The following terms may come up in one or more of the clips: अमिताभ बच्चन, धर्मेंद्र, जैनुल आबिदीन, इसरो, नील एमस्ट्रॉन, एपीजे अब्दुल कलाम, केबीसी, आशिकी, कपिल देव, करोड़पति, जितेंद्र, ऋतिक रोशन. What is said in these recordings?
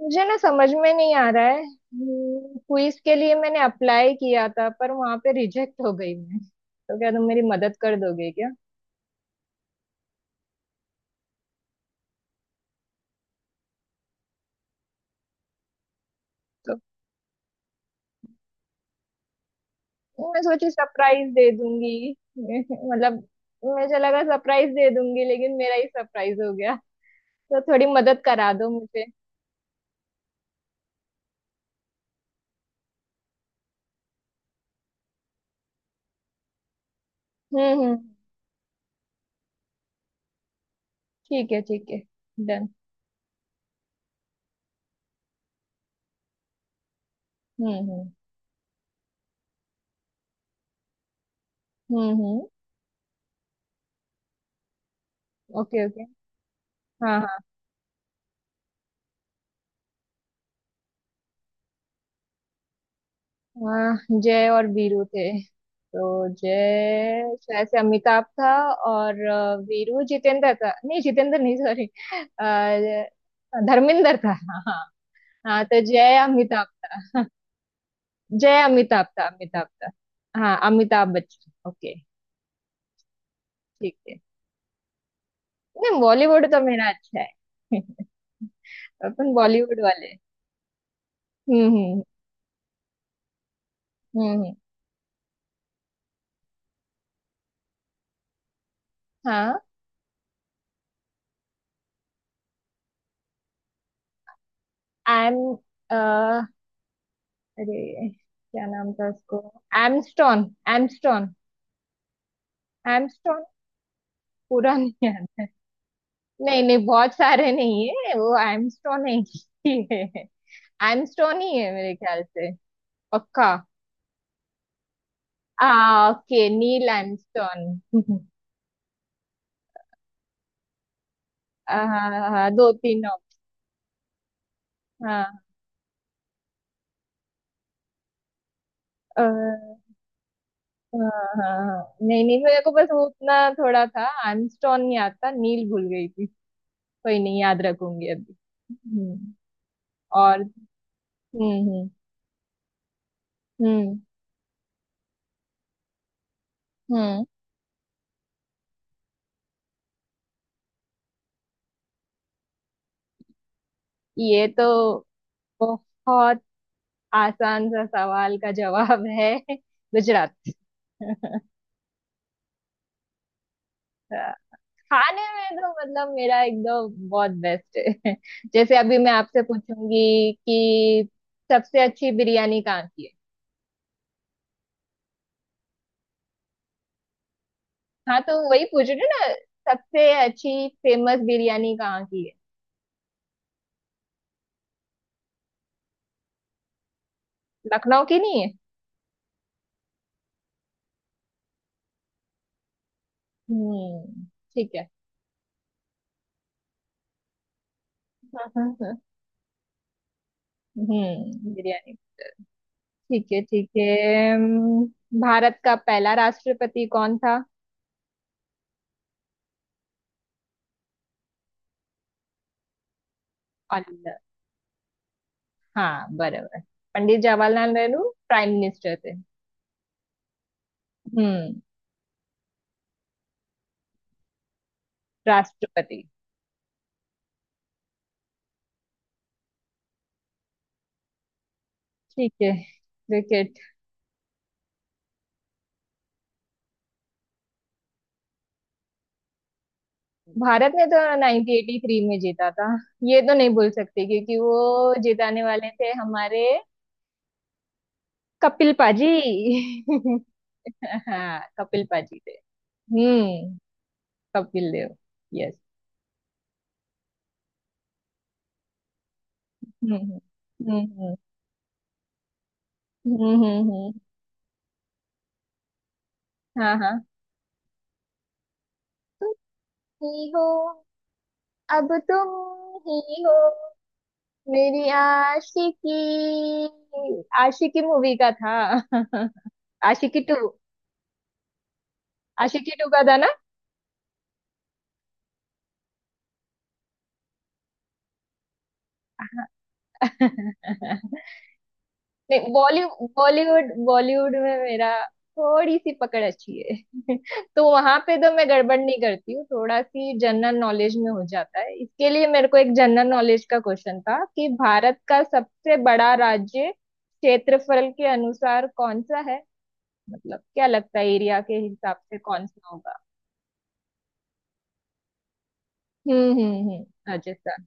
मुझे ना समझ में नहीं आ रहा है। क्विज के लिए मैंने अप्लाई किया था, पर वहां पे रिजेक्ट हो गई मैं तो। क्या तुम मेरी मदद कर दोगे क्या? तो मैं सोची सरप्राइज दे दूंगी। मतलब। मुझे लगा सरप्राइज दे दूंगी लेकिन मेरा ही सरप्राइज हो गया। तो थोड़ी मदद करा दो मुझे। हम्म, हम्म। ठीक है, ठीक है। डन। हम्म, हम्म। हम्म, हम्म। Okay, okay. हाँ, हाँ। हाँ, जय और वीरू थे। तो जय शायद से अमिताभ था। और वीरू जितेंद्र था। नहीं, जितेंद्र नहीं, सॉरी। धर्मेंद्र था, हाँ हाँ। हाँ, तो जय अमिताभ था। जय अमिताभ था, अमिताभ था। हाँ, अमिताभ बच्चन। ओके। ठीक है। नहीं, बॉलीवुड तो मेरा अच्छा है। अपन बॉलीवुड वाले। हम्म, हम्म। हम्म, हम्म। हाँ। एम। अरे, क्या नाम था उसको? एमस्टोन। एमस्टोन। एमस्ट्रॉन। पूरा नहीं है। नहीं नहीं, बहुत सारे नहीं है। वो एमस्ट्रॉन एक ही है। एमस्ट्रॉन ही है मेरे ख्याल से। पक्का। आ ओके। नील एमस्ट्रॉन। दो तीन ऑप्शन। हाँ। हाँ। हाँ। हाँ। नहीं नहीं, मेरे को बस वो उतना थोड़ा था। एमस्ट्रॉन नहीं आता, नील भूल गई थी। कोई नहीं, याद रखूंगी अभी। हम्म। और। हम्म, हम्म। हम्म, हम्म। ये तो बहुत आसान सा सवाल का जवाब है। गुजरात। खाने में तो मतलब मेरा एकदम बहुत बेस्ट है। जैसे अभी मैं आपसे पूछूंगी कि सबसे अच्छी बिरयानी कहाँ की है। हाँ, तो वही पूछ रही हूँ ना। सबसे अच्छी फेमस बिरयानी कहाँ की है? लखनऊ की नहीं है? हम्म। ठीक है। हाँ, हाँ, हाँ। हम्म, बिरयानी। ठीक है, ठीक है। हम्म। भारत का पहला राष्ट्रपति कौन था? अल्लाह। हाँ, बराबर। पंडित जवाहरलाल नेहरू प्राइम मिनिस्टर थे। हम्म। राष्ट्रपति। ठीक है। क्रिकेट। भारत ने तो 1983 में जीता था। ये तो नहीं भूल सकती क्योंकि वो जिताने वाले थे हमारे कपिल पाजी। हाँ, कपिल पाजी थे। हम्म कपिल देव। यस। हम्म, हम्म। हम्म, हम्म। हाँ हाँ। तुम ही हो। अब तुम ही हो। मेरी आशिकी। आशिकी मूवी का था। आशिकी टू। आशिकी टू का था ना? नहीं, बॉलीवुड बॉलीवुड बॉलीवुड में मेरा थोड़ी सी पकड़ अच्छी है। तो वहां पे तो मैं गड़बड़ नहीं करती हूँ। थोड़ा सी जनरल नॉलेज में हो जाता है। इसके लिए मेरे को एक जनरल नॉलेज का क्वेश्चन था कि भारत का सबसे बड़ा राज्य क्षेत्रफल के अनुसार कौन सा है? मतलब क्या लगता है एरिया के हिसाब से कौन सा होगा? हम्म, हम्म, हम्म। राजस्थान।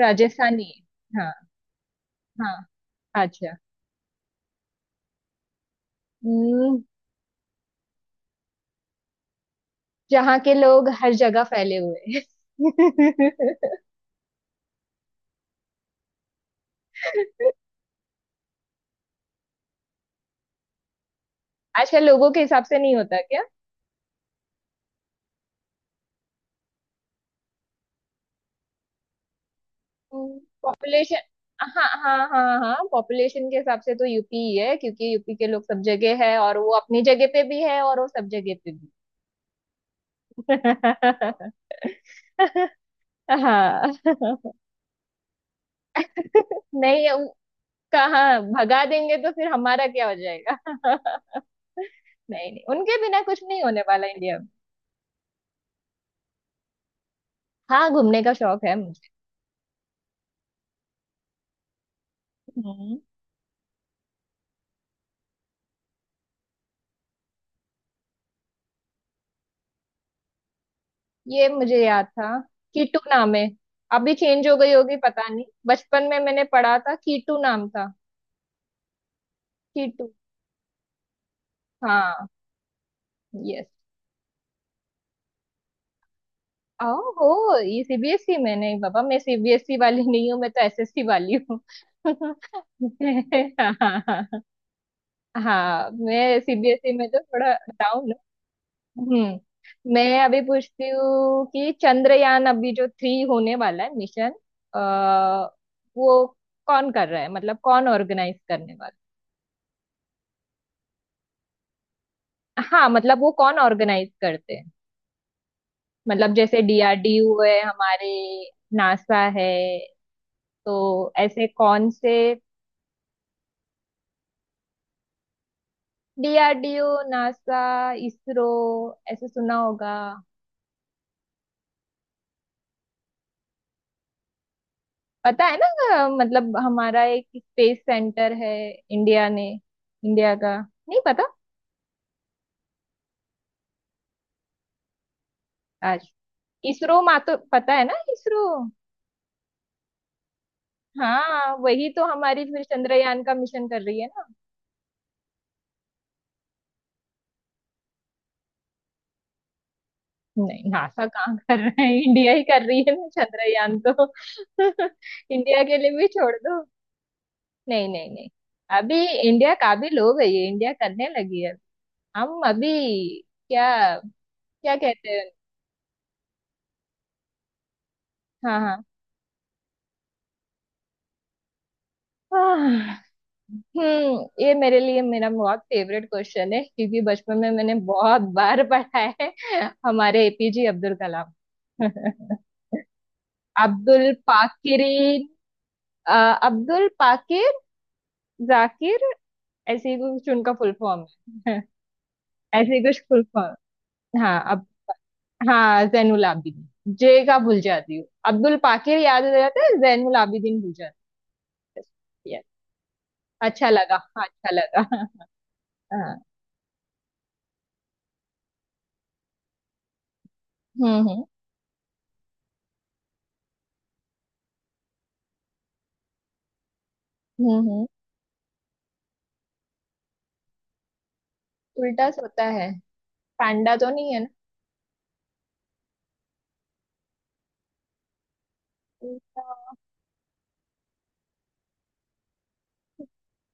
राजस्थानी है। हाँ हाँ। अच्छा। हम्म। जहाँ के लोग हर जगह फैले हुए हैं। आजकल लोगों के हिसाब से नहीं होता क्या? पॉपुलेशन। हाँ हाँ हाँ हाँ, पॉपुलेशन के हिसाब से तो यूपी ही है क्योंकि यूपी के लोग सब जगह है, और वो अपनी जगह पे भी है और वो सब जगह पे भी। हाँ। नहीं, कहाँ भगा देंगे तो फिर हमारा क्या हो जाएगा? नहीं नहीं, उनके बिना कुछ नहीं होने वाला इंडिया में। हाँ, घूमने का शौक है मुझे। हम्म। ये मुझे याद था। कीटू नाम है। अभी चेंज हो गई होगी, पता नहीं, बचपन में मैंने पढ़ा था कीटू नाम था। कीटू। हाँ। यस। ओ हो, ये सीबीएसई में नहीं बाबा। मैं सीबीएसई वाली नहीं हूँ, मैं तो एसएससी वाली हूँ। हाँ हाँ। हाँ, मैं सीबीएसई में तो थोड़ा डाउन। मैं अभी पूछती हूँ कि चंद्रयान अभी जो 3 होने वाला है मिशन। आ, वो कौन कर रहा है, मतलब कौन ऑर्गेनाइज करने वाला है? हाँ, मतलब वो कौन ऑर्गेनाइज करते हैं? मतलब जैसे डीआरडीओ है हमारे, नासा है, तो ऐसे कौन से। डीआरडीओ, नासा, इसरो, ऐसे सुना होगा। पता है ना, मतलब हमारा एक स्पेस सेंटर है इंडिया ने। इंडिया का नहीं पता। इसरो मा तो पता है ना, इसरो। हाँ, वही तो हमारी फिर चंद्रयान का मिशन कर रही है ना। नहीं, नासा कहाँ कर रहा है। इंडिया ही कर रही है ना चंद्रयान तो। इंडिया के लिए भी छोड़ दो। नहीं नहीं नहीं। अभी इंडिया काबिल हो गई है, इंडिया करने लगी है हम अभी। क्या क्या कहते हैं? हाँ हाँ। आह, ये मेरे लिए मेरा बहुत फेवरेट क्वेश्चन है क्योंकि बचपन में मैंने बहुत बार पढ़ा है। हमारे एपीजे अब्दुल कलाम। अब्दुल पाकिरीन। अ, अब्दुल पाकिर, जाकिर। ऐसे ही कुछ उनका फुल फॉर्म है। ऐसे ही कुछ फुल फॉर्म। हाँ। अब। हाँ, जैनुल आबिदीन। जे का भूल जाती हूँ, अब्दुल पाकिर याद हो जाता है, जैनुल आबिदीन भूल जाता है। Yes। अच्छा लगा। हाँ, अच्छा लगा। हाँ। हम्म, हम्म। हम्म, उल्टा सोता है? पांडा तो नहीं है ना? उल्टा?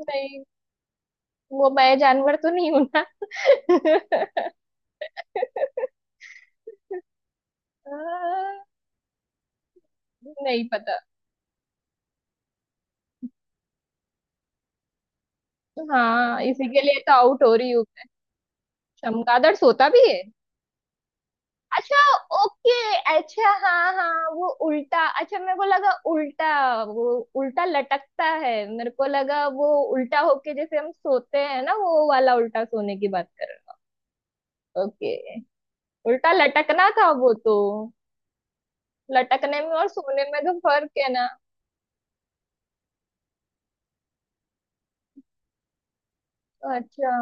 नहीं, वो मैं जानवर तो नहीं हूं ना। आ, नहीं पता। हाँ, इसी के लिए तो आउट हो रही हूँ मैं। चमगादड़ सोता भी है? अच्छा। ओके। अच्छा हाँ हाँ, वो उल्टा, अच्छा मेरे को लगा उल्टा, वो उल्टा लटकता है। मेरे को लगा वो उल्टा होके जैसे हम सोते हैं ना, वो वाला उल्टा सोने की बात कर रहा। ओके। उल्टा लटकना था वो तो। लटकने में और सोने में तो फर्क है ना। अच्छा।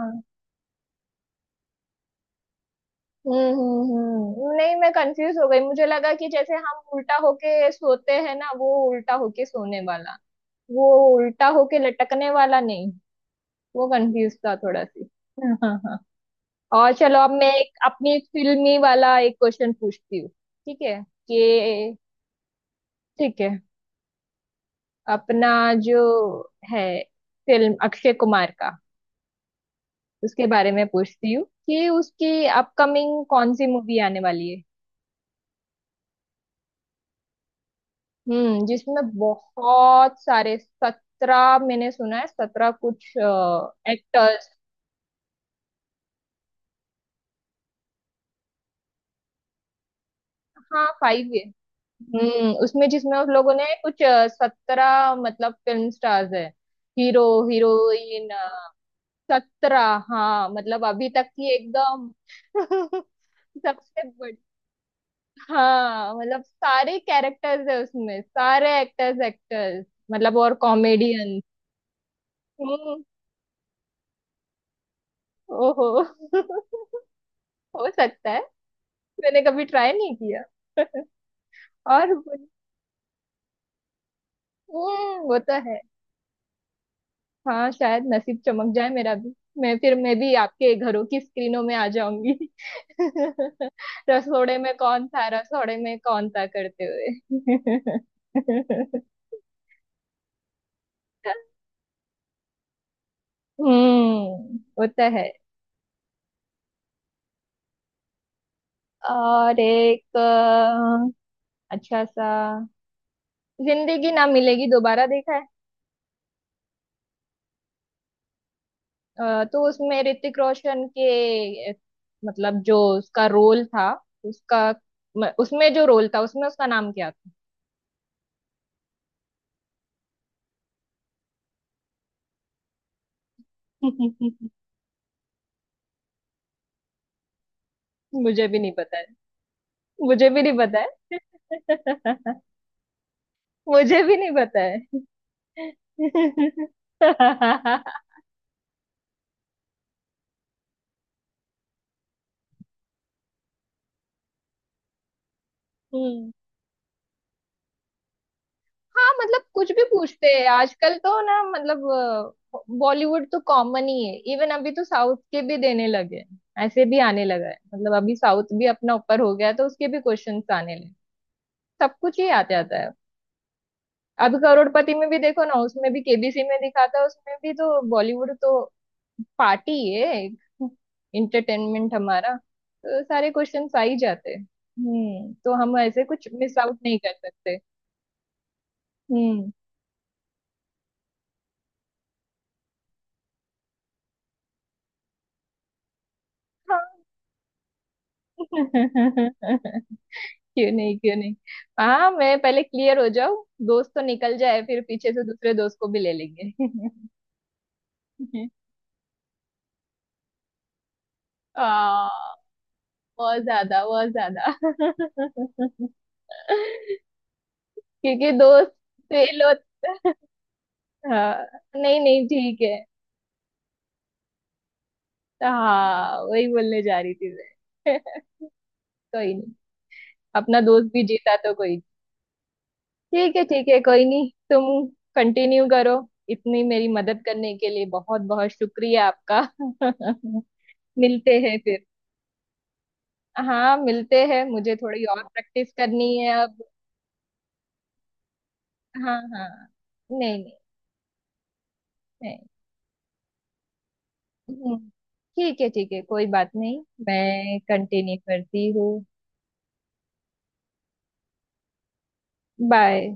हम्म, हम्म, हम्म। नहीं, मैं कंफ्यूज हो गई, मुझे लगा कि जैसे हम उल्टा होके सोते हैं ना, वो उल्टा होके सोने वाला, वो उल्टा होके लटकने वाला नहीं। वो कंफ्यूज था थोड़ा सी। हाँ हाँ। और चलो, अब मैं एक अपनी एक फिल्मी वाला एक क्वेश्चन पूछती हूँ, ठीक है? कि ठीक है। अपना जो है फिल्म अक्षय कुमार का, उसके बारे में पूछती हूँ कि उसकी अपकमिंग कौन सी मूवी आने वाली है। हम्म, जिसमें बहुत सारे 17 मैंने सुना है, सत्रह कुछ एक्टर्स। हाँ, 5। हम्म, उसमें, जिसमें उन लोगों ने कुछ 17 मतलब फिल्म स्टार्स है, हीरो, हीरोइन। 17। हाँ, मतलब अभी तक की एकदम। सबसे बड़ी। हाँ, मतलब सारे कैरेक्टर्स है उसमें सारे एक्टर्स एक्टर्स, मतलब और कॉमेडियन। हम्म, ओहो। हो सकता है। मैंने कभी ट्राई नहीं किया। और बोल- हम्म, वो तो है। हाँ, शायद नसीब चमक जाए मेरा भी। मैं फिर मैं भी आपके घरों की स्क्रीनों में आ जाऊंगी। रसोड़े में कौन था, रसोड़े में कौन था करते हुए। हम्म, वो तो है। और एक, अच्छा सा। जिंदगी ना मिलेगी दोबारा देखा है? तो उसमें ऋतिक रोशन के, मतलब जो उसका रोल था, उसका, उसमें जो रोल था उसमें उसका नाम क्या था? मुझे भी नहीं पता है। मुझे भी नहीं पता है। मुझे भी नहीं पता है। हम्म, हाँ मतलब कुछ भी पूछते हैं आजकल तो ना, मतलब। बॉलीवुड तो कॉमन ही है, इवन अभी तो साउथ के भी देने लगे हैं। ऐसे भी आने लगा है, मतलब अभी साउथ भी अपना ऊपर हो गया है, तो उसके भी क्वेश्चंस आने लगे। सब कुछ ही आ जाता है। अभी करोड़पति में भी देखो ना, उसमें भी केबीसी में दिखाता है उसमें भी, तो बॉलीवुड तो पार्टी है एक। इंटरटेनमेंट हमारा, तो सारे क्वेश्चन आ ही जाते हैं। तो हम ऐसे कुछ मिस आउट नहीं कर सकते। हम्म। हाँ। क्यों नहीं, क्यों नहीं। हाँ, मैं पहले क्लियर हो जाऊं। दोस्त तो निकल जाए, फिर पीछे से दूसरे दोस्त को भी ले लेंगे। आ बहुत ज्यादा, बहुत ज्यादा। क्योंकि दोस्त फेल होता। हाँ, नहीं नहीं, ठीक है। तो हाँ, वही बोलने जा रही थी मैं। कोई नहीं। अपना दोस्त भी जीता तो कोई। ठीक है, ठीक है, कोई नहीं। तुम कंटिन्यू करो। इतनी मेरी मदद करने के लिए बहुत बहुत शुक्रिया आपका। मिलते हैं फिर। हाँ, मिलते हैं, मुझे थोड़ी और प्रैक्टिस करनी है अब। हाँ हाँ। नहीं नहीं नहीं। हम्म, ठीक है, ठीक है, कोई बात नहीं। मैं कंटिन्यू करती हूँ। बाय।